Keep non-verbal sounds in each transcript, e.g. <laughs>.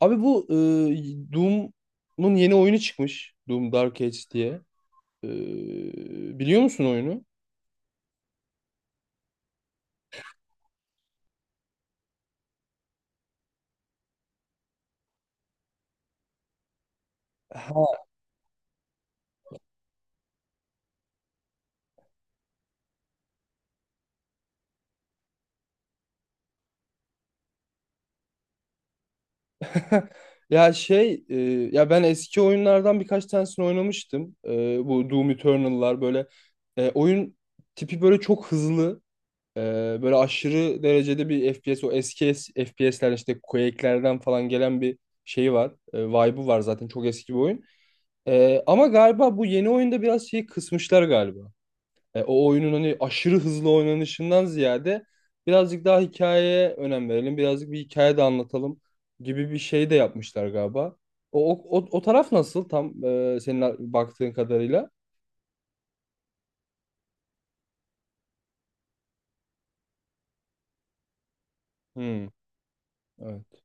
Abi bu Doom'un yeni oyunu çıkmış. Doom Dark Age diye. E, Biliyor musun oyunu? Ha. <laughs> Ya şey e, ya ben eski oyunlardan birkaç tanesini oynamıştım. Bu Doom Eternal'lar böyle oyun tipi böyle çok hızlı. e, Böyle aşırı derecede bir FPS, o eski FPS'ler işte Quake'lerden falan gelen bir şeyi var. Vibe'ı var, zaten çok eski bir oyun. Ama galiba bu yeni oyunda biraz şeyi kısmışlar galiba. O oyunun hani aşırı hızlı oynanışından ziyade birazcık daha hikayeye önem verelim. Birazcık bir hikaye de anlatalım gibi bir şey de yapmışlar galiba. O taraf nasıl tam, senin baktığın kadarıyla? Hmm, evet.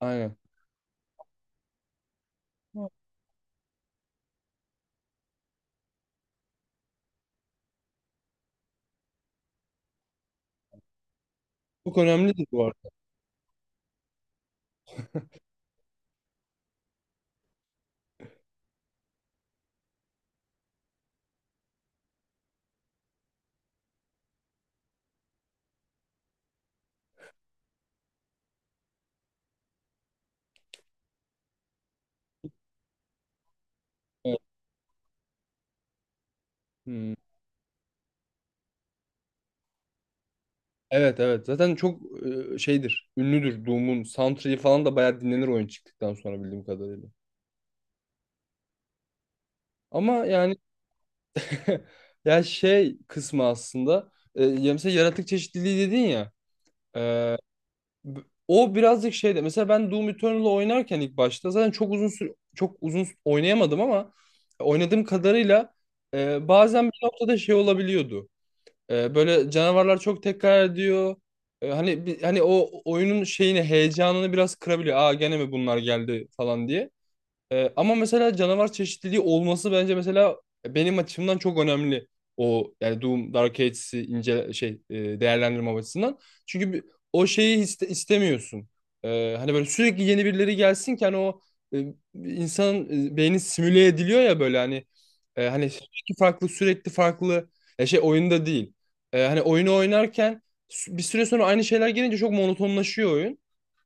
Aynen. Çok önemlidir bu arada. Evet. Hmm. Evet, evet. Zaten çok şeydir. Ünlüdür Doom'un. Soundtrack'i falan da bayağı dinlenir oyun çıktıktan sonra bildiğim kadarıyla. Ama yani <laughs> ya şey kısmı aslında, ya mesela yaratık çeşitliliği dedin ya. E, B- O birazcık şeyde mesela ben Doom Eternal'ı oynarken ilk başta zaten çok uzun süre oynayamadım ama oynadığım kadarıyla bazen bir noktada şey olabiliyordu. Böyle canavarlar çok tekrar ediyor. Hani hani o oyunun şeyini, heyecanını biraz kırabiliyor. Aa, gene mi bunlar geldi falan diye. Ama mesela canavar çeşitliliği olması bence mesela benim açımdan çok önemli. O yani Doom Dark Ages'i ince şey, değerlendirme açısından. Çünkü o şeyi istemiyorsun. Hani böyle sürekli yeni birileri gelsin ki hani o insanın beyni simüle ediliyor ya böyle hani hani sürekli farklı ya şey oyunda değil. Hani oyunu oynarken bir süre sonra aynı şeyler gelince çok monotonlaşıyor oyun.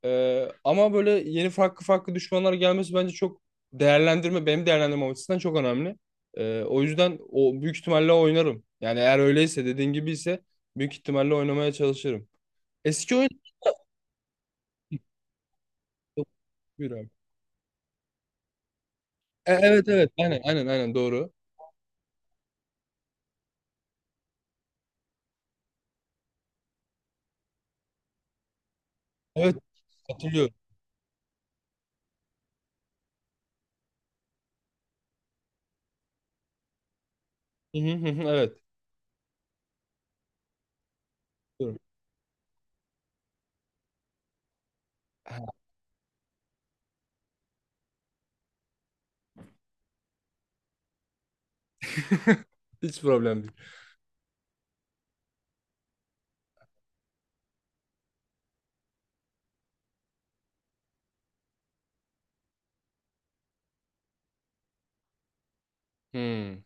Ama böyle yeni farklı farklı düşmanlar gelmesi bence çok benim değerlendirmem açısından çok önemli. O yüzden o büyük ihtimalle oynarım. Yani eğer öyleyse, dediğin gibi ise büyük ihtimalle oynamaya çalışırım. Eski oyun... Buyur abi. Evet, evet, aynen, aynen, aynen, doğru. Evet, hatırlıyorum. Hı hı hı hı, evet. Diyorum. <laughs> Hiç problem değil. Hmm.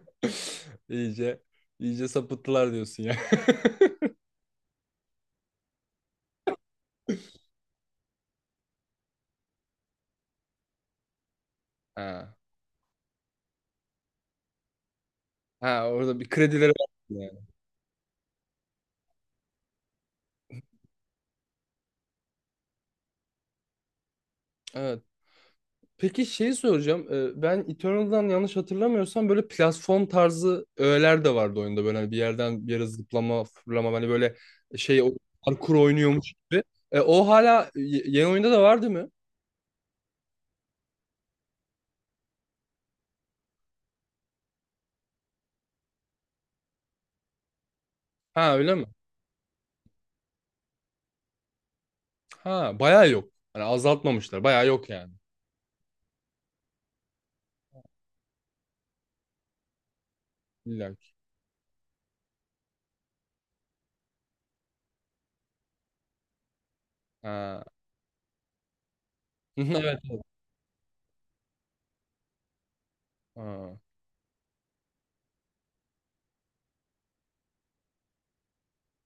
<laughs> İyice iyice sapıttılar diyorsun ya. <laughs> Ha. Ha, orada bir kredileri var yani. Evet. Peki şeyi soracağım. Ben Eternal'dan yanlış hatırlamıyorsam böyle platform tarzı öğeler de vardı oyunda. Böyle hani bir yerden bir yere zıplama, fırlama, hani böyle şey o parkur oynuyormuş gibi. O hala yeni oyunda da vardı mı? Ha, öyle mi? Ha, bayağı yok. Hani azaltmamışlar. Bayağı yok yani. İlla ki. Ha. <laughs> Evet. Ha.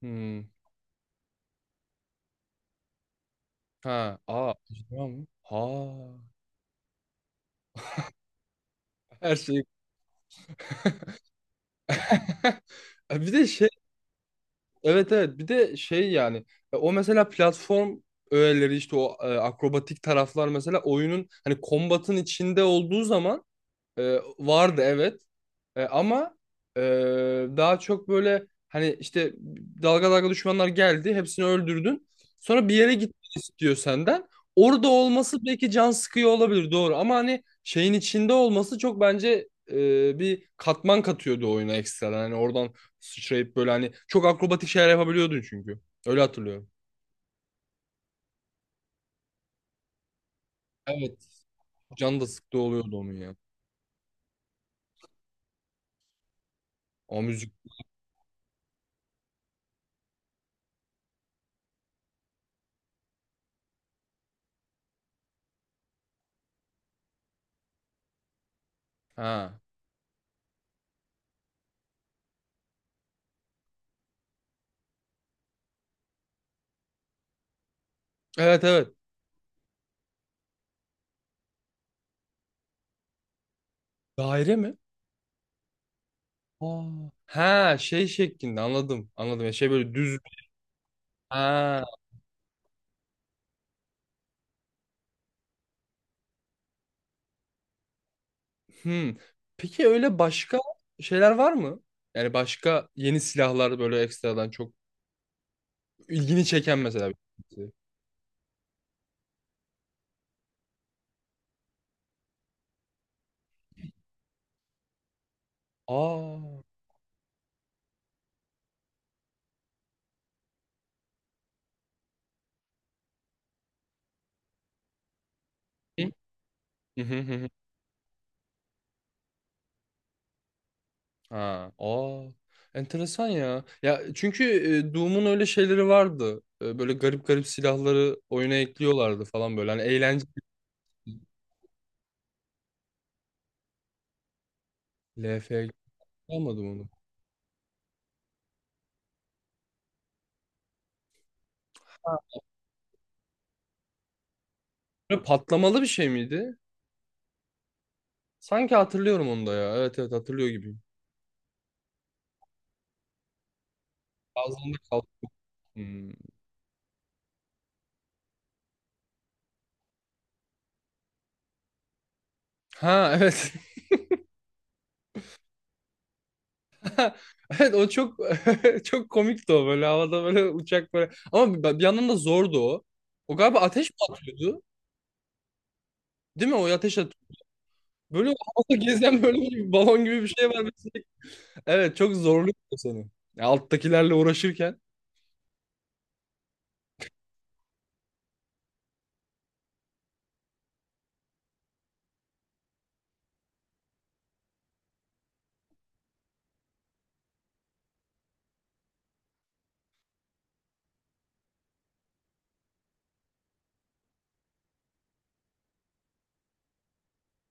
Hmm. Ha. Aa, acaba mı? Ha. Her şey. <laughs> Bir de şey Evet, evet, bir de şey yani o mesela platform öğeleri, işte o akrobatik taraflar mesela, oyunun hani kombatın içinde olduğu zaman e, vardı evet. Ama e, daha çok böyle hani işte dalga dalga düşmanlar geldi. Hepsini öldürdün. Sonra bir yere gitmek istiyor senden. Orada olması belki can sıkıyor olabilir, doğru. Ama hani şeyin içinde olması çok bence bir katman katıyordu oyuna ekstradan. Hani oradan sıçrayıp böyle hani çok akrobatik şeyler yapabiliyordun çünkü. Öyle hatırlıyorum. Evet. Can da sıktı oluyordu onun ya. O müzik. Ha. Evet, evet. Daire mi? Aa. Ha, şey şeklinde. Anladım, anladım. Ya şey, böyle düz. Ha. Hmm. Peki öyle başka şeyler var mı? Yani başka yeni silahlar böyle ekstradan çok ilgini çeken mesela bir şey. Aa. Hı? Hı hı hı hı. Ha. Aa. Enteresan ya. Ya çünkü Doom'un öyle şeyleri vardı. Böyle garip garip silahları oyuna ekliyorlardı falan böyle. Hani eğlenceli. LFG, almadım onu. Ha. Böyle patlamalı bir şey miydi? Sanki hatırlıyorum onu da ya. Evet, evet, hatırlıyor gibiyim. Ağzımda kaldı. Hmm. Ha, evet. <laughs> Evet, o çok <laughs> çok komikti o, böyle havada, böyle uçak böyle. Ama bir yandan da zordu o. O galiba ateş mi atıyordu? Değil mi? O ateş atıyor. Böyle havada gezen böyle bir balon gibi bir şey var. Evet, çok zorluyor seni. Ya, alttakilerle uğraşırken.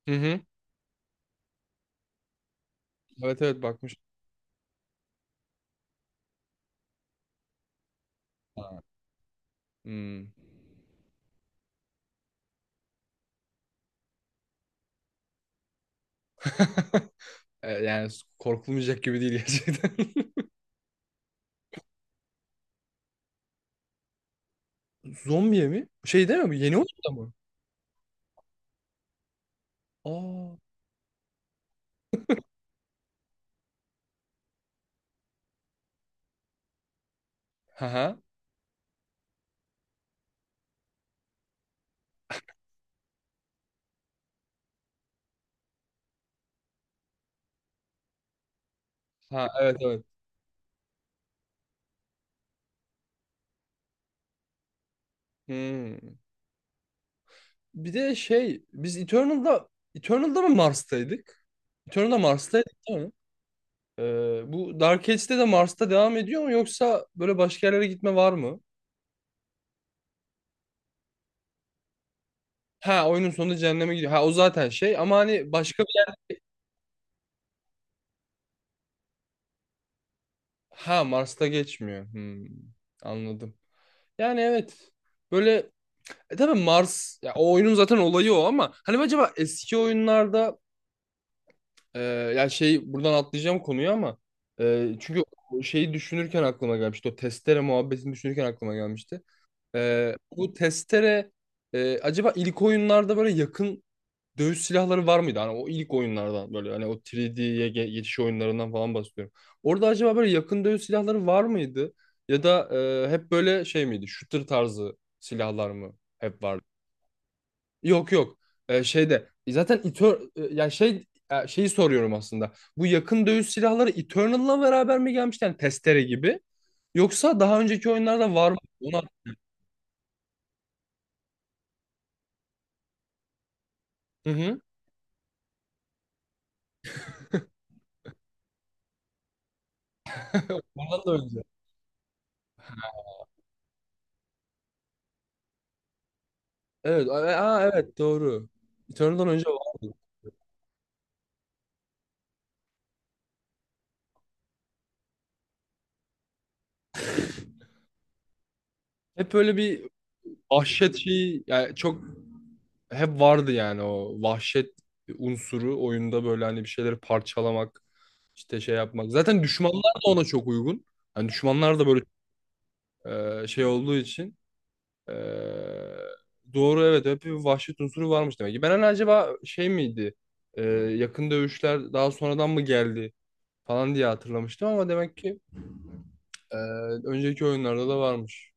Hı hı. Evet, evet, bakmış. Hmm. <laughs> Yani korkulmayacak gibi değil gerçekten. <laughs> Zombiye mi? Şey değil mi bu? Yeni oyunda mı? Aa. Ha ha. Ha, evet, evet. Hmm. Bir de şey, biz Eternal'da mı Mars'taydık? Eternal'da Mars'taydık değil mi? Bu Dark Age'de de Mars'ta devam ediyor mu, yoksa böyle başka yerlere gitme var mı? Ha, oyunun sonunda cehenneme gidiyor. Ha, o zaten şey, ama hani başka bir... Ha, Mars'ta geçmiyor. Hmm, anladım. Yani evet. Böyle tabii Mars ya, o oyunun zaten olayı o, ama hani acaba eski oyunlarda Ee, yani şey, buradan atlayacağım konuyu ama çünkü o şeyi düşünürken aklıma gelmişti. O testere muhabbetini düşünürken aklıma gelmişti. Bu testere acaba ilk oyunlarda böyle yakın dövüş silahları var mıydı? Hani o ilk oyunlardan, böyle hani o 3D'ye geçiş oyunlarından falan bahsediyorum. Orada acaba böyle yakın dövüş silahları var mıydı? Ya da hep böyle şey miydi? Shooter tarzı silahlar mı hep vardı? Yok, yok. Şeyde zaten ya şeyi soruyorum aslında. Bu yakın dövüş silahları Eternal'la beraber mi gelmişti? Yani testere gibi. Yoksa daha önceki oyunlarda var mı? Ona... Hı hı. <laughs> Ondan da önce. Evet. Aa, evet, doğru. Eternal'dan önce vardı. Hep böyle bir vahşet şeyi yani, çok hep vardı yani o vahşet unsuru oyunda, böyle hani bir şeyleri parçalamak, işte şey yapmak. Zaten düşmanlar da ona çok uygun. Hani düşmanlar da böyle şey olduğu için e, doğru, evet, hep bir vahşet unsuru varmış demek ki. Ben hani acaba şey miydi, yakın dövüşler daha sonradan mı geldi falan diye hatırlamıştım ama demek ki e, önceki oyunlarda da varmış.